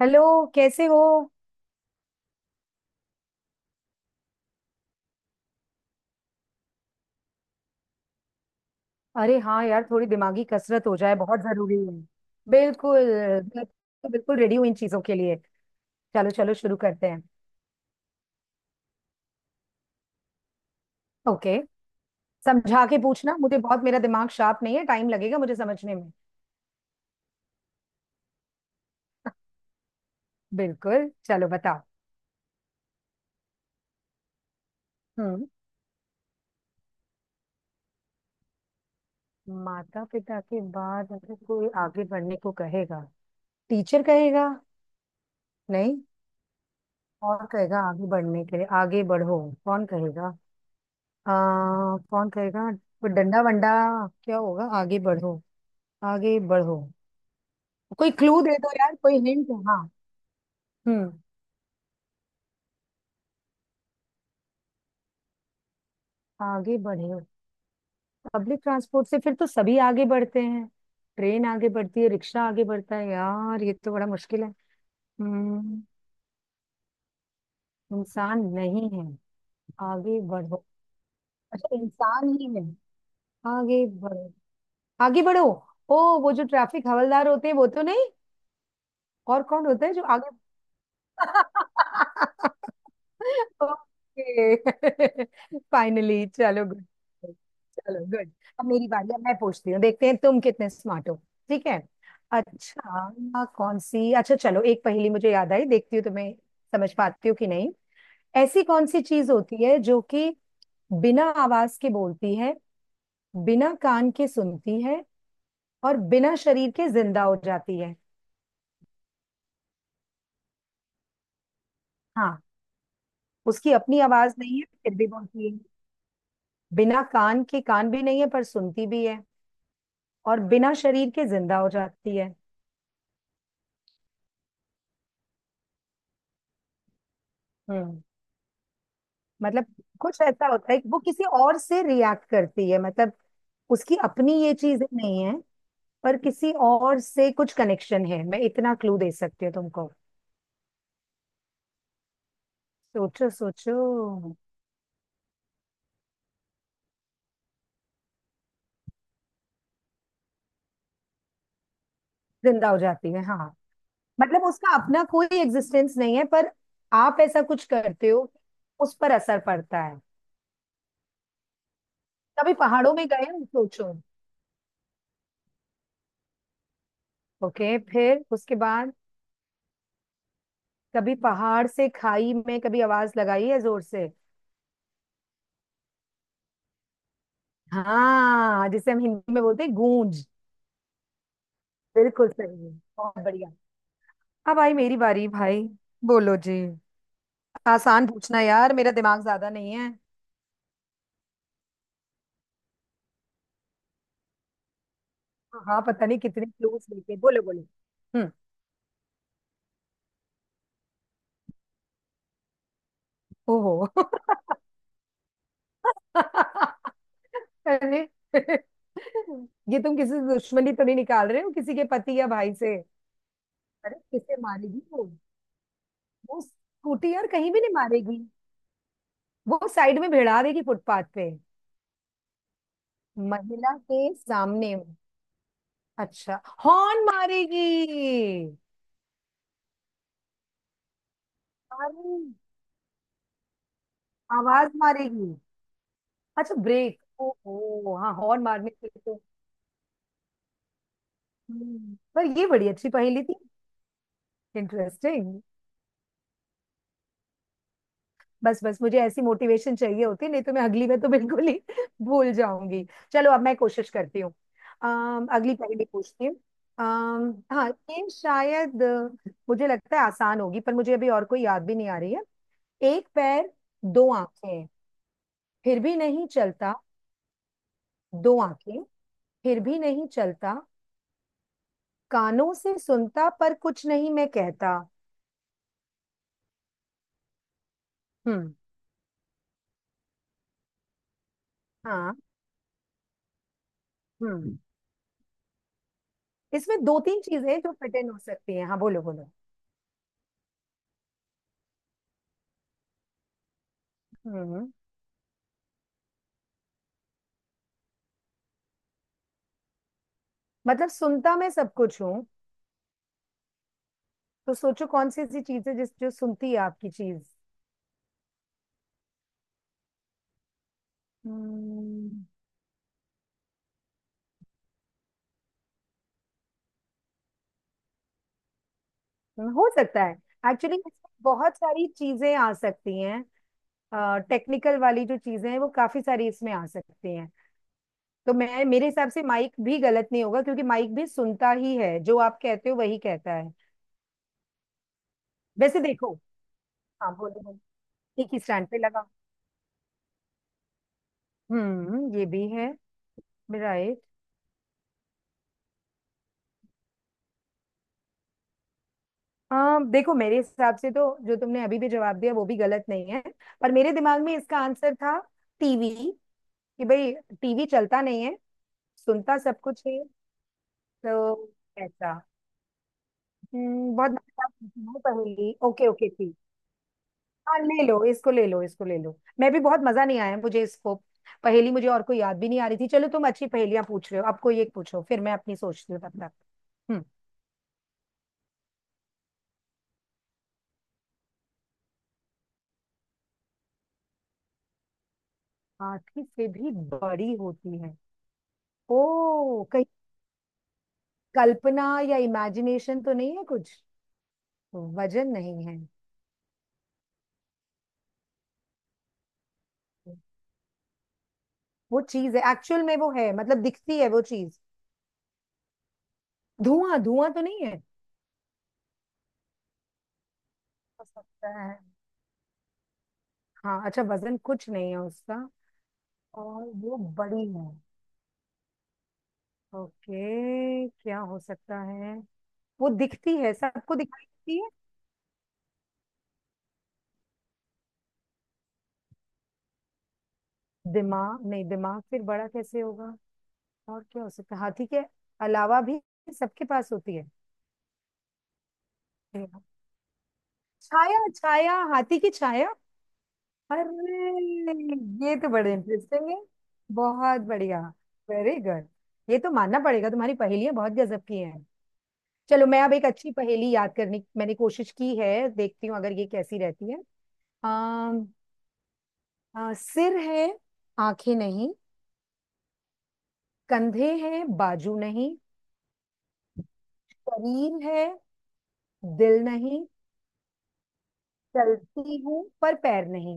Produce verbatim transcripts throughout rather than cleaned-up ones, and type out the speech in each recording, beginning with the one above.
Hello. कैसे हो? अरे हाँ यार, थोड़ी दिमागी कसरत हो जाए, बहुत जरूरी है। बिल्कुल। मैं तो बिल्कुल रेडी हूँ इन चीजों के लिए। चलो चलो शुरू करते हैं। ओके। समझा के पूछना, मुझे बहुत मेरा दिमाग शार्प नहीं है, टाइम लगेगा मुझे समझने में। बिल्कुल, चलो बताओ। हम्म। माता पिता के बाद अगर कोई आगे बढ़ने को कहेगा, टीचर कहेगा? नहीं। और कहेगा आगे बढ़ने के लिए, आगे बढ़ो। कौन कहेगा? आ, कौन कहेगा? कोई डंडा वंडा? क्या होगा आगे बढ़ो, आगे बढ़ो। कोई क्लू दे दो यार, कोई हिंट। हाँ। हम्म। आगे बढ़े? पब्लिक ट्रांसपोर्ट से फिर तो सभी आगे बढ़ते हैं। ट्रेन आगे बढ़ती है, रिक्शा आगे बढ़ता है, यार ये तो बड़ा मुश्किल है। हम्म। इंसान नहीं है? आगे बढ़ो। अच्छा इंसान ही है। आगे बढ़ो, आगे बढ़ो। ओ वो जो ट्रैफिक हवलदार होते हैं, वो तो नहीं? और कौन होता है जो आगे। ओके। फाइनली चलो गुड। चलो गुड। अब मेरी बारी, अब मैं पूछती हूँ, देखते हैं तुम कितने स्मार्ट हो। ठीक है। अच्छा ना कौन सी, अच्छा चलो एक पहेली मुझे याद आई, देखती हूँ तुम्हें समझ पाती हो कि नहीं। ऐसी कौन सी चीज होती है जो कि बिना आवाज के बोलती है, बिना कान के सुनती है, और बिना शरीर के जिंदा हो जाती है। हाँ। उसकी अपनी आवाज नहीं है फिर भी बोलती है। बिना कान के, कान भी नहीं है पर सुनती भी है। और बिना शरीर के जिंदा हो जाती है। हम्म। मतलब कुछ ऐसा होता है कि वो किसी और से रिएक्ट करती है, मतलब उसकी अपनी ये चीजें नहीं है। पर किसी और से कुछ कनेक्शन है, मैं इतना क्लू दे सकती हूँ तुमको। सोचो सोचो। जिंदा हो जाती है हाँ। मतलब उसका अपना कोई एग्जिस्टेंस नहीं है, पर आप ऐसा कुछ करते हो उस पर असर पड़ता है। कभी पहाड़ों में गए हो, सोचो। ओके फिर उसके बाद। कभी पहाड़ से खाई में कभी आवाज लगाई है जोर से? हाँ, जिसे हम हिंदी में बोलते हैं गूंज। बिल्कुल सही। बहुत बढ़िया। अब आई मेरी बारी भाई। बोलो जी। आसान पूछना यार, मेरा दिमाग ज्यादा नहीं है। हाँ पता नहीं कितने क्लूज लेके, बोलो बोलो। हम्म। ओहो अरे ये तुम किसी से दुश्मनी तो नहीं निकाल रहे हो किसी के पति या भाई से? अरे किसे मारेगी वो? वो स्कूटी यार कहीं भी नहीं मारेगी, वो साइड में भिड़ा देगी फुटपाथ पे। महिला के सामने। अच्छा हॉर्न मारेगी। अरे आवाज मारेगी। अच्छा ब्रेक, ओहो हाँ हॉर्न मारने के लिए तो। हम्म, पर ये बड़ी अच्छी पहेली थी। इंटरेस्टिंग। बस बस मुझे ऐसी मोटिवेशन चाहिए होती, नहीं तो मैं अगली बार तो बिल्कुल ही भूल जाऊंगी। चलो अब मैं कोशिश करती हूँ। अम, अगली पहेली पूछती हूँ। अम, हाँ ये शायद अ, मुझे लगता है आसान होगी, पर मुझे अभी और कोई याद भी नहीं आ रही है। एक पैर, दो आंखें, फिर भी नहीं चलता। दो आंखें, फिर भी नहीं चलता। कानों से सुनता पर कुछ नहीं मैं कहता। हम्म। हाँ। हम्म। इसमें दो तीन चीजें हैं जो फिट इन हो सकती हैं, हाँ बोलो बोलो। हम्म। मतलब सुनता मैं सब कुछ हूँ। तो सोचो कौन सी ऐसी चीज है जिस जो सुनती है आपकी चीज। हम्म, हो सकता है। एक्चुअली इसमें बहुत सारी चीजें आ सकती हैं। टेक्निकल वाली जो चीजें हैं वो काफी सारी इसमें आ सकती हैं। तो मैं मेरे हिसाब से माइक भी गलत नहीं होगा, क्योंकि माइक भी सुनता ही है, जो आप कहते हो वही कहता है। वैसे देखो। हाँ बोलो बोलो। एक ही स्टैंड पे लगा। हम्म ये भी है। राइट। हाँ देखो मेरे हिसाब से तो जो तुमने अभी भी जवाब दिया वो भी गलत नहीं है। पर मेरे दिमाग में इसका आंसर था टीवी। कि भाई टीवी चलता नहीं है, सुनता सब कुछ है। तो ऐसा। हम्म बहुत मजेदार पहेली। Okay okay. हाँ ले लो इसको, ले लो इसको, ले लो। मैं भी बहुत मजा नहीं आया मुझे इसको पहेली, मुझे और कोई याद भी नहीं आ रही थी। चलो तुम अच्छी पहेलियां पूछ रहे हो, अब कोई एक पूछो, फिर मैं अपनी सोचती हूँ तब तक। हम्म। हाथी से भी बड़ी होती है। ओ कहीं कल्पना या इमेजिनेशन तो नहीं है कुछ। वजन नहीं है। वो चीज है एक्चुअल में, वो है मतलब दिखती है वो चीज। धुआं, धुआं तो नहीं है? हो सकता है। हाँ अच्छा वजन कुछ नहीं है उसका। और वो बड़ी है। ओके क्या हो सकता है। वो दिखती है, सबको दिखती है। दिमाग नहीं, दिमाग फिर बड़ा कैसे होगा। और क्या हो सकता है, हाथी के अलावा भी सबके पास होती है। छाया, छाया, हाथी की छाया। अरे। ये तो बड़े इंटरेस्टिंग है। बहुत बढ़िया। Very good. ये तो मानना पड़ेगा तुम्हारी पहेलियां बहुत गजब की हैं। चलो मैं अब एक अच्छी पहेली याद करने की मैंने कोशिश की है, देखती हूँ अगर ये कैसी रहती है। आ, आ, सिर है, आंखें नहीं। कंधे हैं, बाजू नहीं। शरीर है, दिल नहीं। चलती हूँ पर पैर नहीं।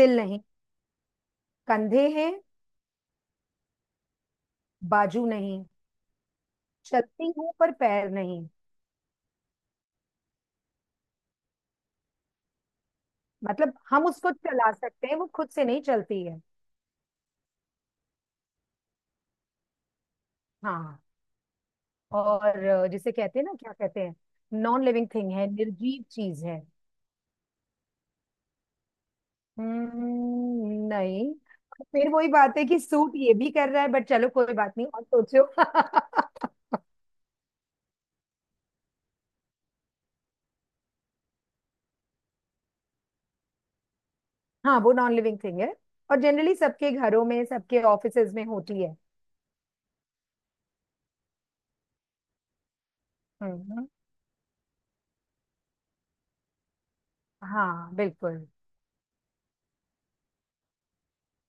दिल नहीं। कंधे हैं, बाजू नहीं। चलती हूँ पर पैर नहीं। मतलब हम उसको चला सकते हैं, वो खुद से नहीं चलती है। हाँ। और अ, जिसे कहते हैं ना, क्या कहते हैं, नॉन लिविंग थिंग है, निर्जीव चीज है। हम्म, नहीं। फिर वही बात है कि सूट ये भी कर रहा है, बट चलो कोई बात नहीं, और सोचो। हाँ वो नॉन लिविंग थिंग है, और जनरली सबके घरों में, सबके ऑफिसेज में होती है। हम्म। हाँ बिल्कुल।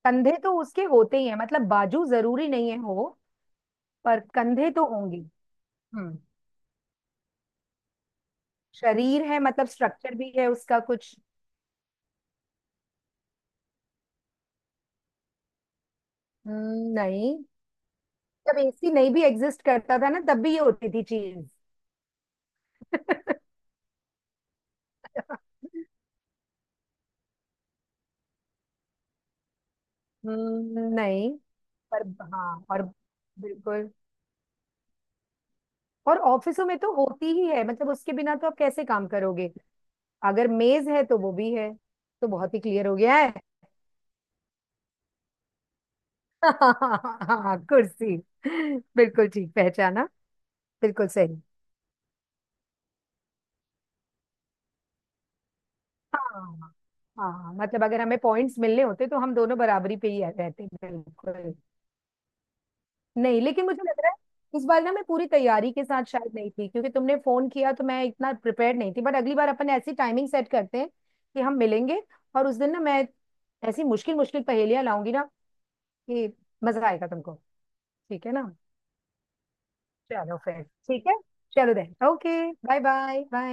कंधे तो उसके होते ही हैं, मतलब बाजू जरूरी नहीं है हो, पर कंधे तो होंगे। हम्म। शरीर है मतलब स्ट्रक्चर भी है उसका कुछ। हम्म, नहीं। जब एसी नहीं भी एग्जिस्ट करता था ना, तब भी ये होती थी चीज। हम्म, नहीं। पर हाँ, और बिल्कुल। और ऑफिसों में तो होती ही है, मतलब उसके बिना तो आप कैसे काम करोगे, अगर मेज है तो वो भी है। तो बहुत ही क्लियर हो गया। हाँ कुर्सी, बिल्कुल ठीक पहचाना। बिल्कुल सही। हाँ। हाँ मतलब अगर हमें पॉइंट्स मिलने होते तो हम दोनों बराबरी पे ही रहते, बिल्कुल। नहीं लेकिन मुझे लग रहा है इस बार ना मैं पूरी तैयारी के साथ शायद नहीं थी, क्योंकि तुमने फोन किया तो मैं इतना प्रिपेयर नहीं थी, बट अगली बार अपन ऐसी टाइमिंग सेट करते हैं कि हम मिलेंगे। और उस दिन ना मैं ऐसी मुश्किल मुश्किल पहेलियां लाऊंगी ना, कि मजा आएगा तुमको। ठीक है ना। चलो फिर ठीक है। चलो then okay. Bye bye bye.